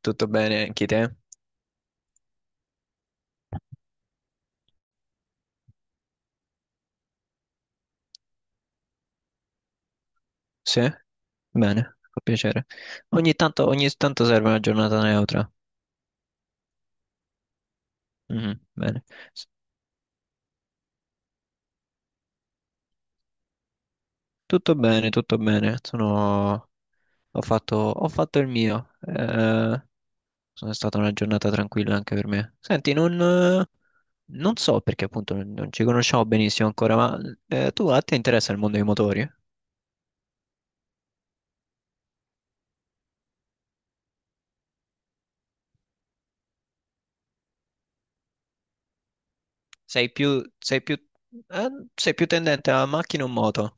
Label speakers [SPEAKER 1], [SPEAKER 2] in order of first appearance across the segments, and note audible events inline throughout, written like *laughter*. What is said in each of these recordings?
[SPEAKER 1] Tutto bene anche te? Sì? Bene, fa piacere. Ogni tanto serve una giornata neutra. Mhm, bene. S- Tutto bene, tutto bene. Sono... Ho fatto il mio. Sono stata una giornata tranquilla anche per me. Senti, non, eh, non so perché appunto non ci conosciamo benissimo ancora, ma tu a te interessa il mondo dei motori? Sei più, sei più, eh, sei più tendente a macchina o moto?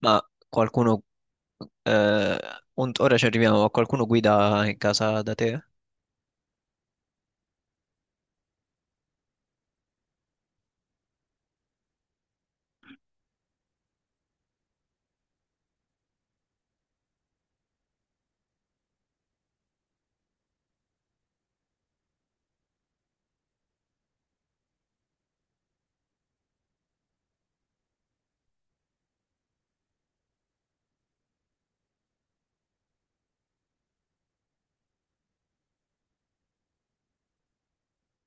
[SPEAKER 1] Ma qualcuno Eh, un- ora ci arriviamo, ma qualcuno guida in casa da te?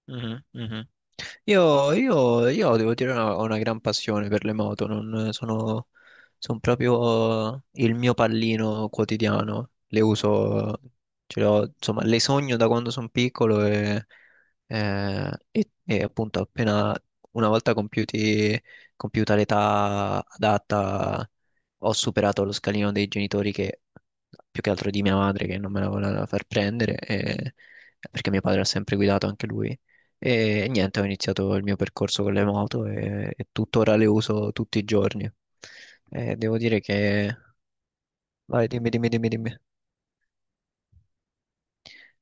[SPEAKER 1] Mhm, mhm. Io devo dire una- ho una gran passione per le moto, non sono, sono proprio il mio pallino quotidiano, le uso, ce le ho- insomma, le sogno da quando sono piccolo e appunto appena una volta compiuti, compiuta l'età adatta ho superato lo scalino dei genitori che più che altro di mia madre che non me la voleva far prendere e- perché mio padre ha sempre guidato anche lui e niente, ho iniziato il mio percorso con le moto e tuttora le uso tutti i giorni. E devo dire che... Vai, dimmi.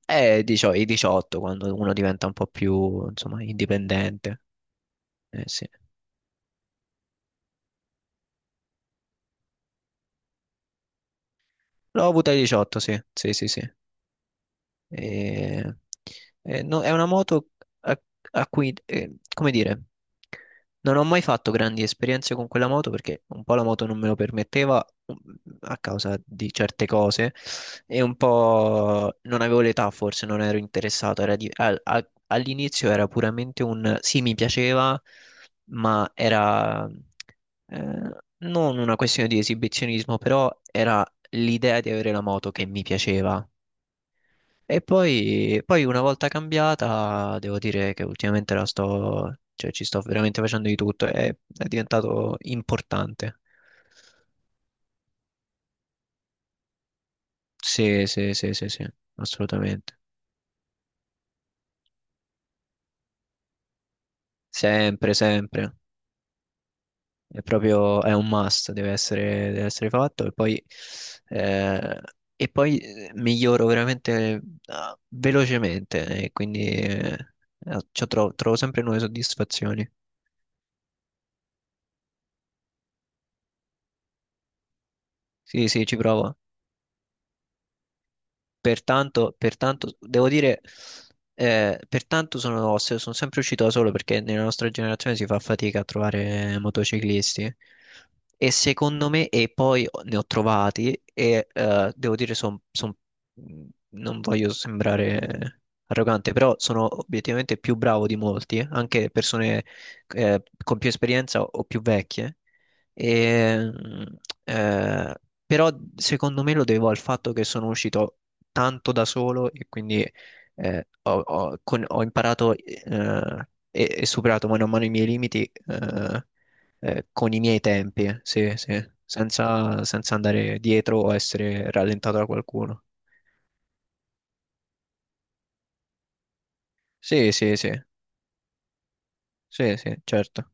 [SPEAKER 1] Dicio- i 18, quando uno diventa un po' più, insomma, indipendente. Eh sì. L'ho avuta ai 18, sì, sì, sì, sì. E- e no- è una moto a, a cui, come dire, non ho mai fatto grandi esperienze con quella moto perché un po' la moto non me lo permetteva mm, a causa di certe cose e un po' non avevo l'età, forse non ero interessato. Era di- al- a- all'inizio era puramente un sì, mi piaceva, ma era non una questione di esibizionismo, però era l'idea di avere la moto che mi piaceva. E poi una volta cambiata, devo dire che ultimamente la sto, cioè, ci sto veramente facendo di tutto, è diventato importante. Sì, sì, sì, sì, sì, assolutamente. Sempre, sempre. È proprio, è un must, deve essere fatto e eh, poi miglioro veramente ah, velocemente e quindi cioè, tro- trovo sempre nuove soddisfazioni. Sì, sì, ci provo. Pertanto, devo dire, pertanto sono, se- sono sempre uscito da solo perché nella nostra generazione si fa fatica a trovare motociclisti. E secondo me, e poi ne ho trovati, e devo dire, son- son- mhmm, non voglio sembrare arrogante, però sono obiettivamente più bravo di molti, anche persone con più esperienza o più vecchie. E, mh, eh, Però secondo me lo devo al fatto che sono uscito tanto da solo e quindi ho imparato e superato mano a mano i miei limiti con i miei tempi, sì, sì, senza, senza andare dietro o essere rallentato da qualcuno. Sì, sì, sì, sì, sì, certo.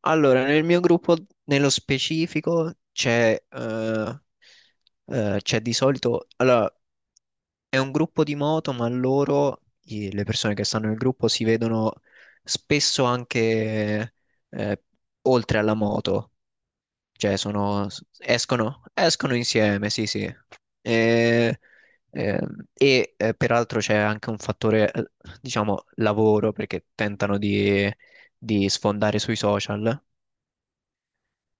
[SPEAKER 1] Allora, nel mio gruppo, nello specifico, c'è di solito. Allora, è un gruppo di moto, ma loro, i- le persone che stanno nel gruppo, si vedono spesso anche eh, oltre alla moto, cioè sono, escono, escono insieme, sì, sì. E, Peraltro c'è anche un fattore, diciamo, lavoro, perché tentano di sfondare sui social,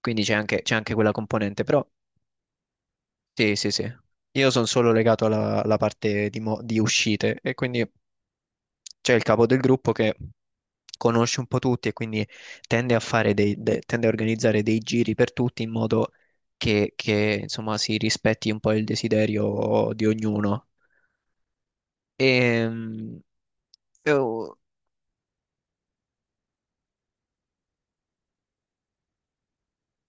[SPEAKER 1] quindi c'è anche quella componente, però sì, sì, sì. Io sono solo legato alla, alla parte di, mo- di uscite e quindi... c'è il capo del gruppo che conosce un po' tutti e quindi tende a fare dei, de- tende a organizzare dei giri per tutti in modo che, insomma si rispetti un po' il desiderio di ognuno. E,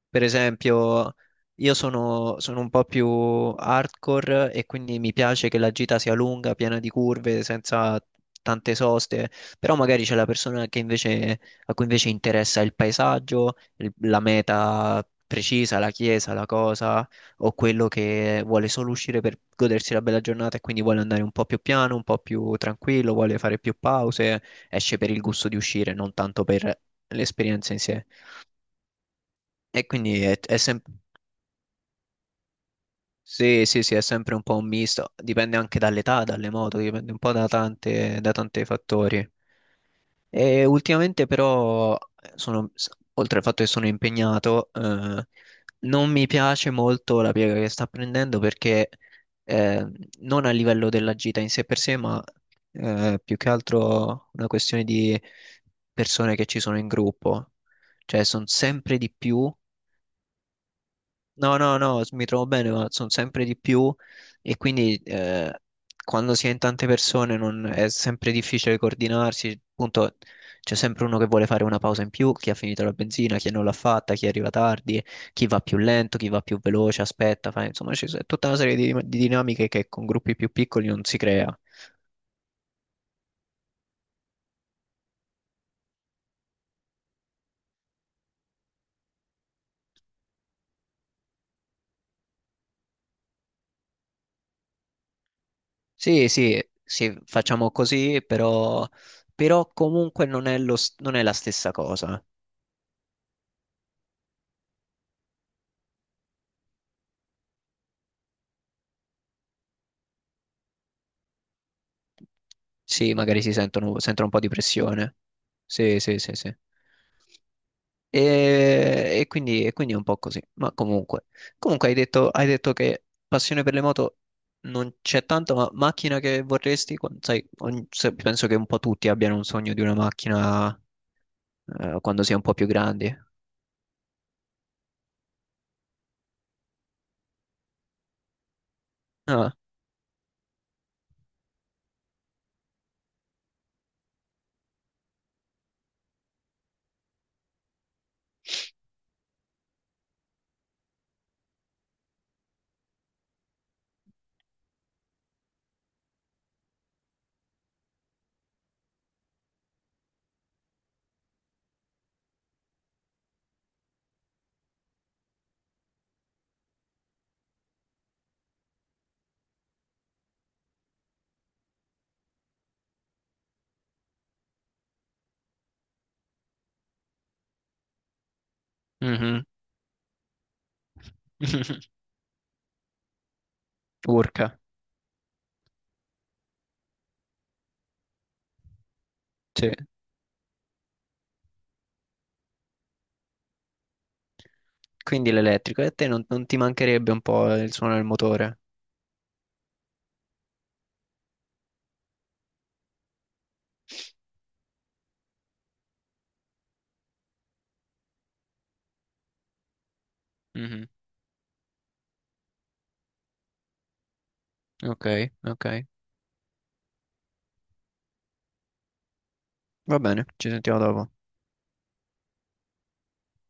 [SPEAKER 1] per esempio, io sono, sono un po' più hardcore e quindi mi piace che la gita sia lunga, piena di curve, senza tante soste, però magari c'è la persona che invece, a cui invece interessa il paesaggio, il- la meta precisa, la chiesa, la cosa, o quello che vuole solo uscire per godersi la bella giornata e quindi vuole andare un po' più piano, un po' più tranquillo, vuole fare più pause, esce per il gusto di uscire, non tanto per l'esperienza in sé. E quindi è sempre. Sì, sì, sì, è sempre un po' un misto, dipende anche dall'età, dalle moto, dipende un po' da tante, da tanti fattori. E ultimamente però, sono, s- oltre al fatto che sono impegnato, non mi piace molto la piega che sta prendendo perché eh, non a livello della gita in sé per sé, ma più che altro una questione di persone che ci sono in gruppo, cioè sono sempre di più. No, no, no, s- mi trovo bene, ma sono sempre di più e quindi quando si è in tante persone non- è sempre difficile coordinarsi, appunto c'è sempre uno che vuole fare una pausa in più, chi ha finito la benzina, chi non l'ha fatta, chi arriva tardi, chi va più lento, chi va più veloce, aspetta, fa- insomma c'è s- tutta una serie di dinamiche che con gruppi più piccoli non si crea. Sì, sì, sì, facciamo così, però, però comunque non è lo s- non è la stessa cosa. Sì, magari si sentono, sentono un po' di pressione. Sì, sì, sì, sì. E quindi è un po' così. Ma comunque, comunque hai detto che passione per le moto non c'è tanto, ma macchina che vorresti? Quan- Sai, ogni- se- penso che un po' tutti abbiano un sogno di una macchina quando si è un po' più grandi. Ah, mhm. *laughs* Urca, sì. Quindi l'elettrico. E a te non, non ti mancherebbe un po' il suono del motore? Mhm. Ok, ok. Va bene, ci sentiamo dopo.